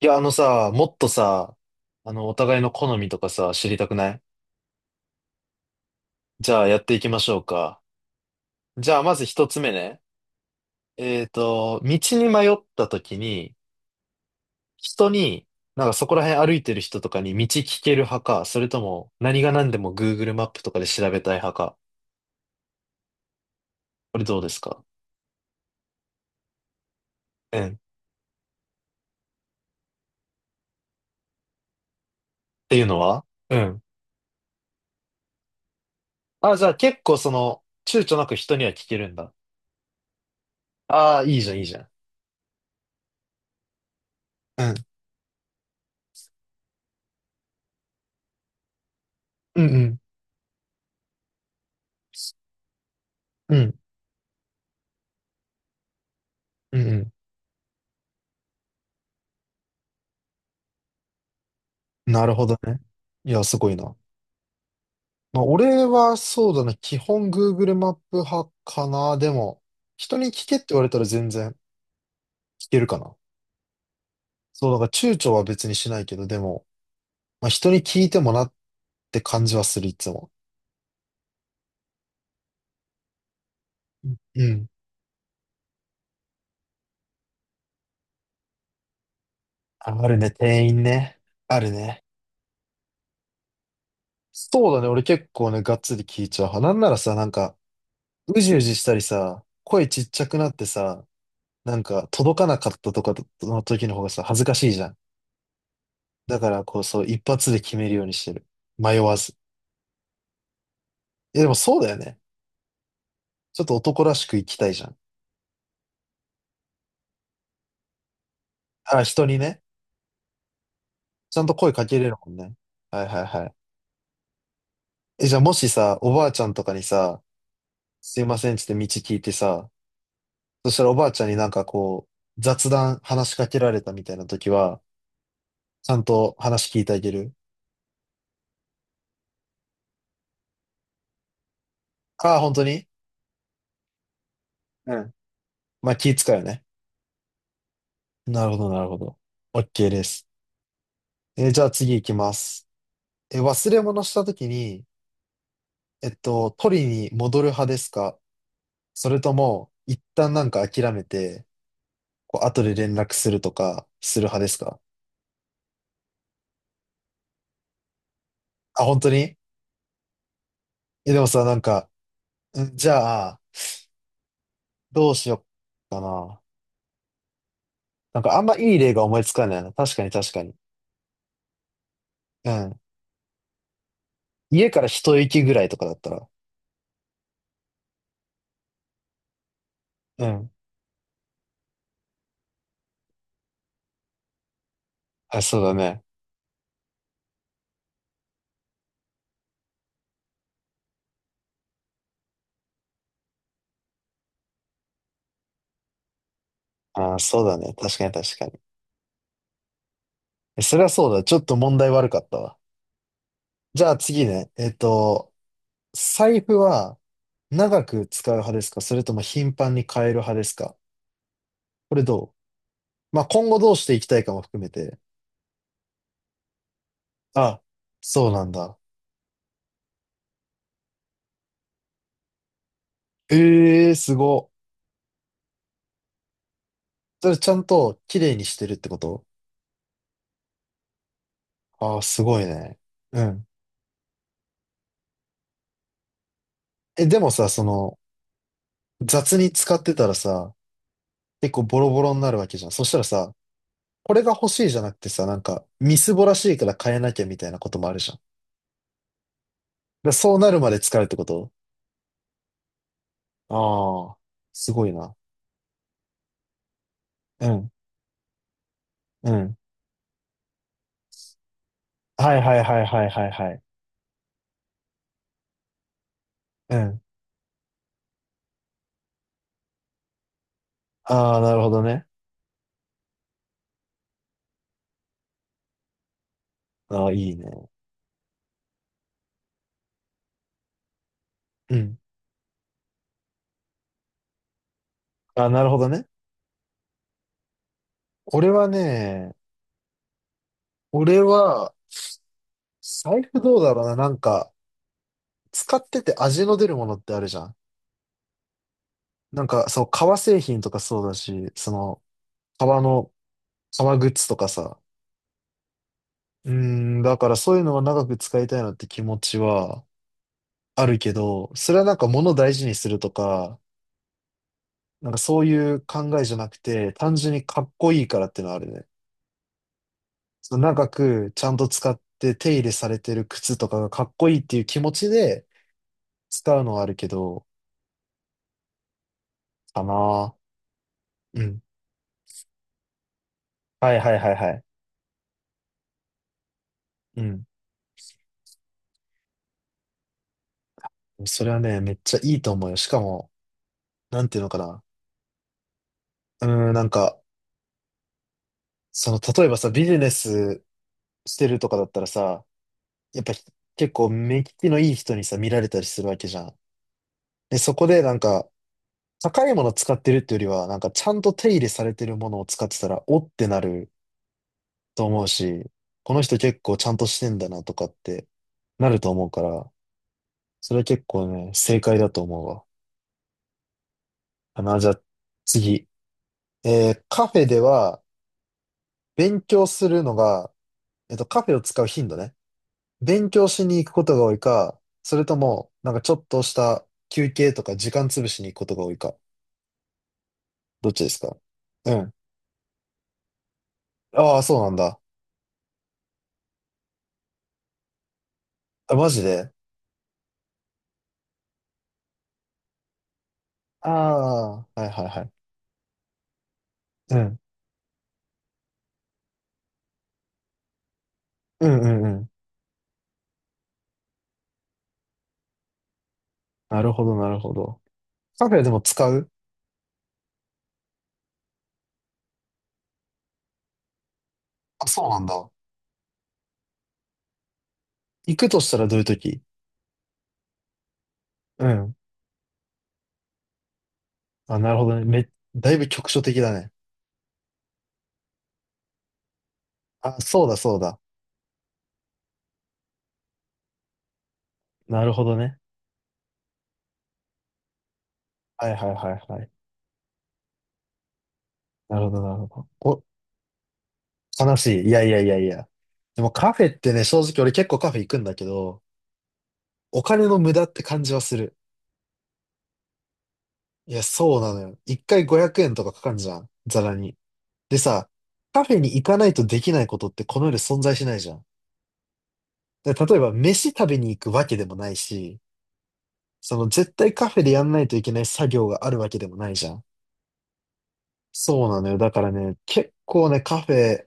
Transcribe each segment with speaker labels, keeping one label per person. Speaker 1: いや、あのさ、もっとさ、お互いの好みとかさ、知りたくない？じゃあ、やっていきましょうか。じゃあ、まず一つ目ね。道に迷った時に、人に、なんかそこら辺歩いてる人とかに道聞ける派か、それとも、何が何でも Google マップとかで調べたい派か。これどうですか？うん。っていうのは？うん。あ、じゃあ結構躊躇なく人には聞けるんだ。ああ、いいじゃん、いいじゃん。うん。うんうん。うん。うんうん。なるほどね。いや、すごいな。まあ、俺はそうだね。基本 Google マップ派かな。でも、人に聞けって言われたら全然聞けるかな。そう、だから躊躇は別にしないけど、でも、まあ、人に聞いてもなって感じはする、いつも。うん。あるね、店員ね。あるね。そうだね。俺結構ね、がっつり聞いちゃう派。なんならさ、なんか、うじうじしたりさ、声ちっちゃくなってさ、なんか、届かなかったとかの時の方がさ、恥ずかしいじゃん。だから、こう、そう、一発で決めるようにしてる。迷わず。え、でもそうだよね。ちょっと男らしく生きたいじゃん。あ、人にね。ちゃんと声かけれるもんね。はいはいはい。え、じゃあもしさ、おばあちゃんとかにさ、すいませんっつって道聞いてさ、そしたらおばあちゃんになんかこう、雑談話しかけられたみたいな時は、ちゃんと話聞いてあげる？ああ、本当に？うん。まあ気使うよね。なるほどなるほど。OK です。え、じゃあ次行きます。忘れ物した時に、取りに戻る派ですか？それとも、一旦なんか諦めて、こう後で連絡するとか、する派ですか？あ、本当に？え、でもさ、なんか、んじゃあ、どうしよっかな。なんかあんまいい例が思いつかないな。確かに確かに。うん。家から一息ぐらいとかだったら。うん。あ、そうだね。あ、そうだね。確かに確かに。え、それはそうだ。ちょっと問題悪かったわ。じゃあ次ね。財布は長く使う派ですか？それとも頻繁に変える派ですか？これどう？まあ、今後どうしていきたいかも含めて。あ、そうなんだ。ええー、すご。それちゃんと綺麗にしてるってこと？ああー、すごいね。うん。え、でもさ、雑に使ってたらさ、結構ボロボロになるわけじゃん。そしたらさ、これが欲しいじゃなくてさ、なんか、みすぼらしいから変えなきゃみたいなこともあるじゃん。だからそうなるまで使うってこと？ああー、すごいな。うん、うん。はいはいはいはいはいはい。うん。ああ、なるほどね。ああ、いいね。うん。ああ、なるほどね。俺はね、俺は、財布どうだろうな。なんか、使ってて味の出るものってあるじゃん。なんか、そう、革製品とかそうだし、革の、革グッズとかさ。うーん、だからそういうのは長く使いたいなって気持ちはあるけど、それはなんか物を大事にするとか、なんかそういう考えじゃなくて、単純にかっこいいからっていうのはあるね。その長くちゃんと使って手入れされてる靴とかがかっこいいっていう気持ちで使うのはあるけど、かな。うん。はいはいはいはい。うん。それはね、めっちゃいいと思うよ。しかも、なんていうのかな。うーん、なんか、例えばさ、ビジネスしてるとかだったらさ、やっぱ結構目利きのいい人にさ、見られたりするわけじゃん。で、そこでなんか、高いもの使ってるっていうよりは、なんかちゃんと手入れされてるものを使ってたら、おってなると思うし、この人結構ちゃんとしてんだなとかってなると思うから、それは結構ね、正解だと思うわ。かな、じゃあ次。カフェでは勉強するのが、カフェを使う頻度ね。勉強しに行くことが多いか、それとも、なんかちょっとした休憩とか時間潰しに行くことが多いか。どっちですか？うん。ああ、そうなんだ。あ、マジで？ああ、はいはいはい。うん。うんうんうん。なるほどなるほど。カフェでも使う？あ、そうなんだ。行くとしたらどういう時？うん。あ、なるほどね。だいぶ局所的だね。あ、そうだそうだ。なるほどね。はいはいはいはい。なるほどなるほど。悲しい。いやいやいやいや。でもカフェってね、正直俺結構カフェ行くんだけど、お金の無駄って感じはする。いや、そうなのよ。一回500円とかかかんじゃん。ざらに。でさ、カフェに行かないとできないことってこの世で存在しないじゃん。で例えば飯食べに行くわけでもないし、その絶対カフェでやんないといけない作業があるわけでもないじゃん。そうなのよ。だからね、結構ね、カフェ、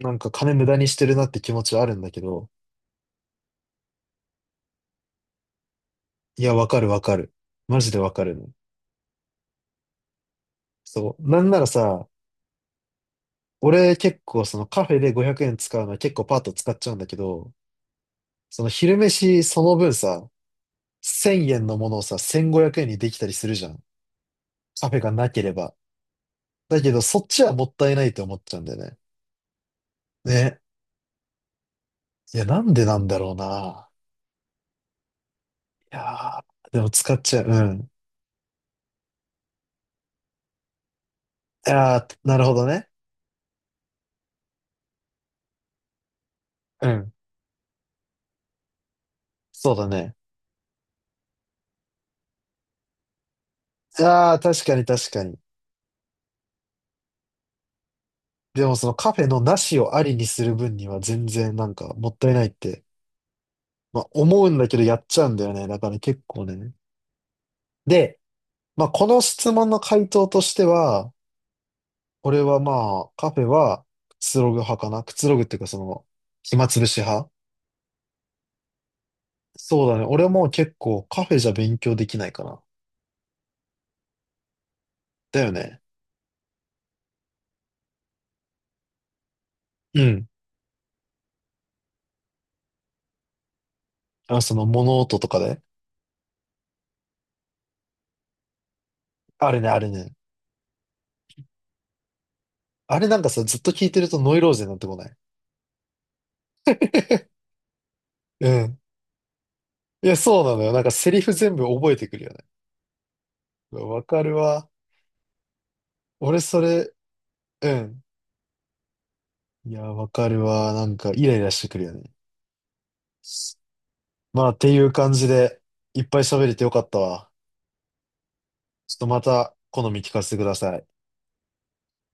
Speaker 1: なんか金無駄にしてるなって気持ちはあるんだけど、いや、わかるわかる。マジでわかるね。そう。なんならさ、俺結構そのカフェで500円使うのは結構パーッと使っちゃうんだけど、その昼飯その分さ、1000円のものをさ、1500円にできたりするじゃん。カフェがなければ。だけどそっちはもったいないと思っちゃうんだよね。ね。いや、なんでなんだろうな。いやー、でも使っちゃう。うん。いやー、なるほどね。うん。そうだね。いやー、確かに確かに。でもそのカフェのなしをありにする分には全然なんかもったいないって、まあ、思うんだけどやっちゃうんだよね。だから結構ね。で、まあ、この質問の回答としては、これはまあ、カフェはくつろぐ派かな。くつろぐっていうか暇つぶし派。そうだね。俺も結構カフェじゃ勉強できないかな。だよね。うん。その物音とかで。あれね、あれね。あれなんかさ、ずっと聞いてるとノイローゼになってこない？うん。いや、そうなのよ。なんかセリフ全部覚えてくるよね。うわわかるわ。俺それ、うん。いや、わかるわ。なんかイライラしてくるよね。まあ、っていう感じで、いっぱい喋れてよかったわ。ちょっとまた、好み聞かせてください。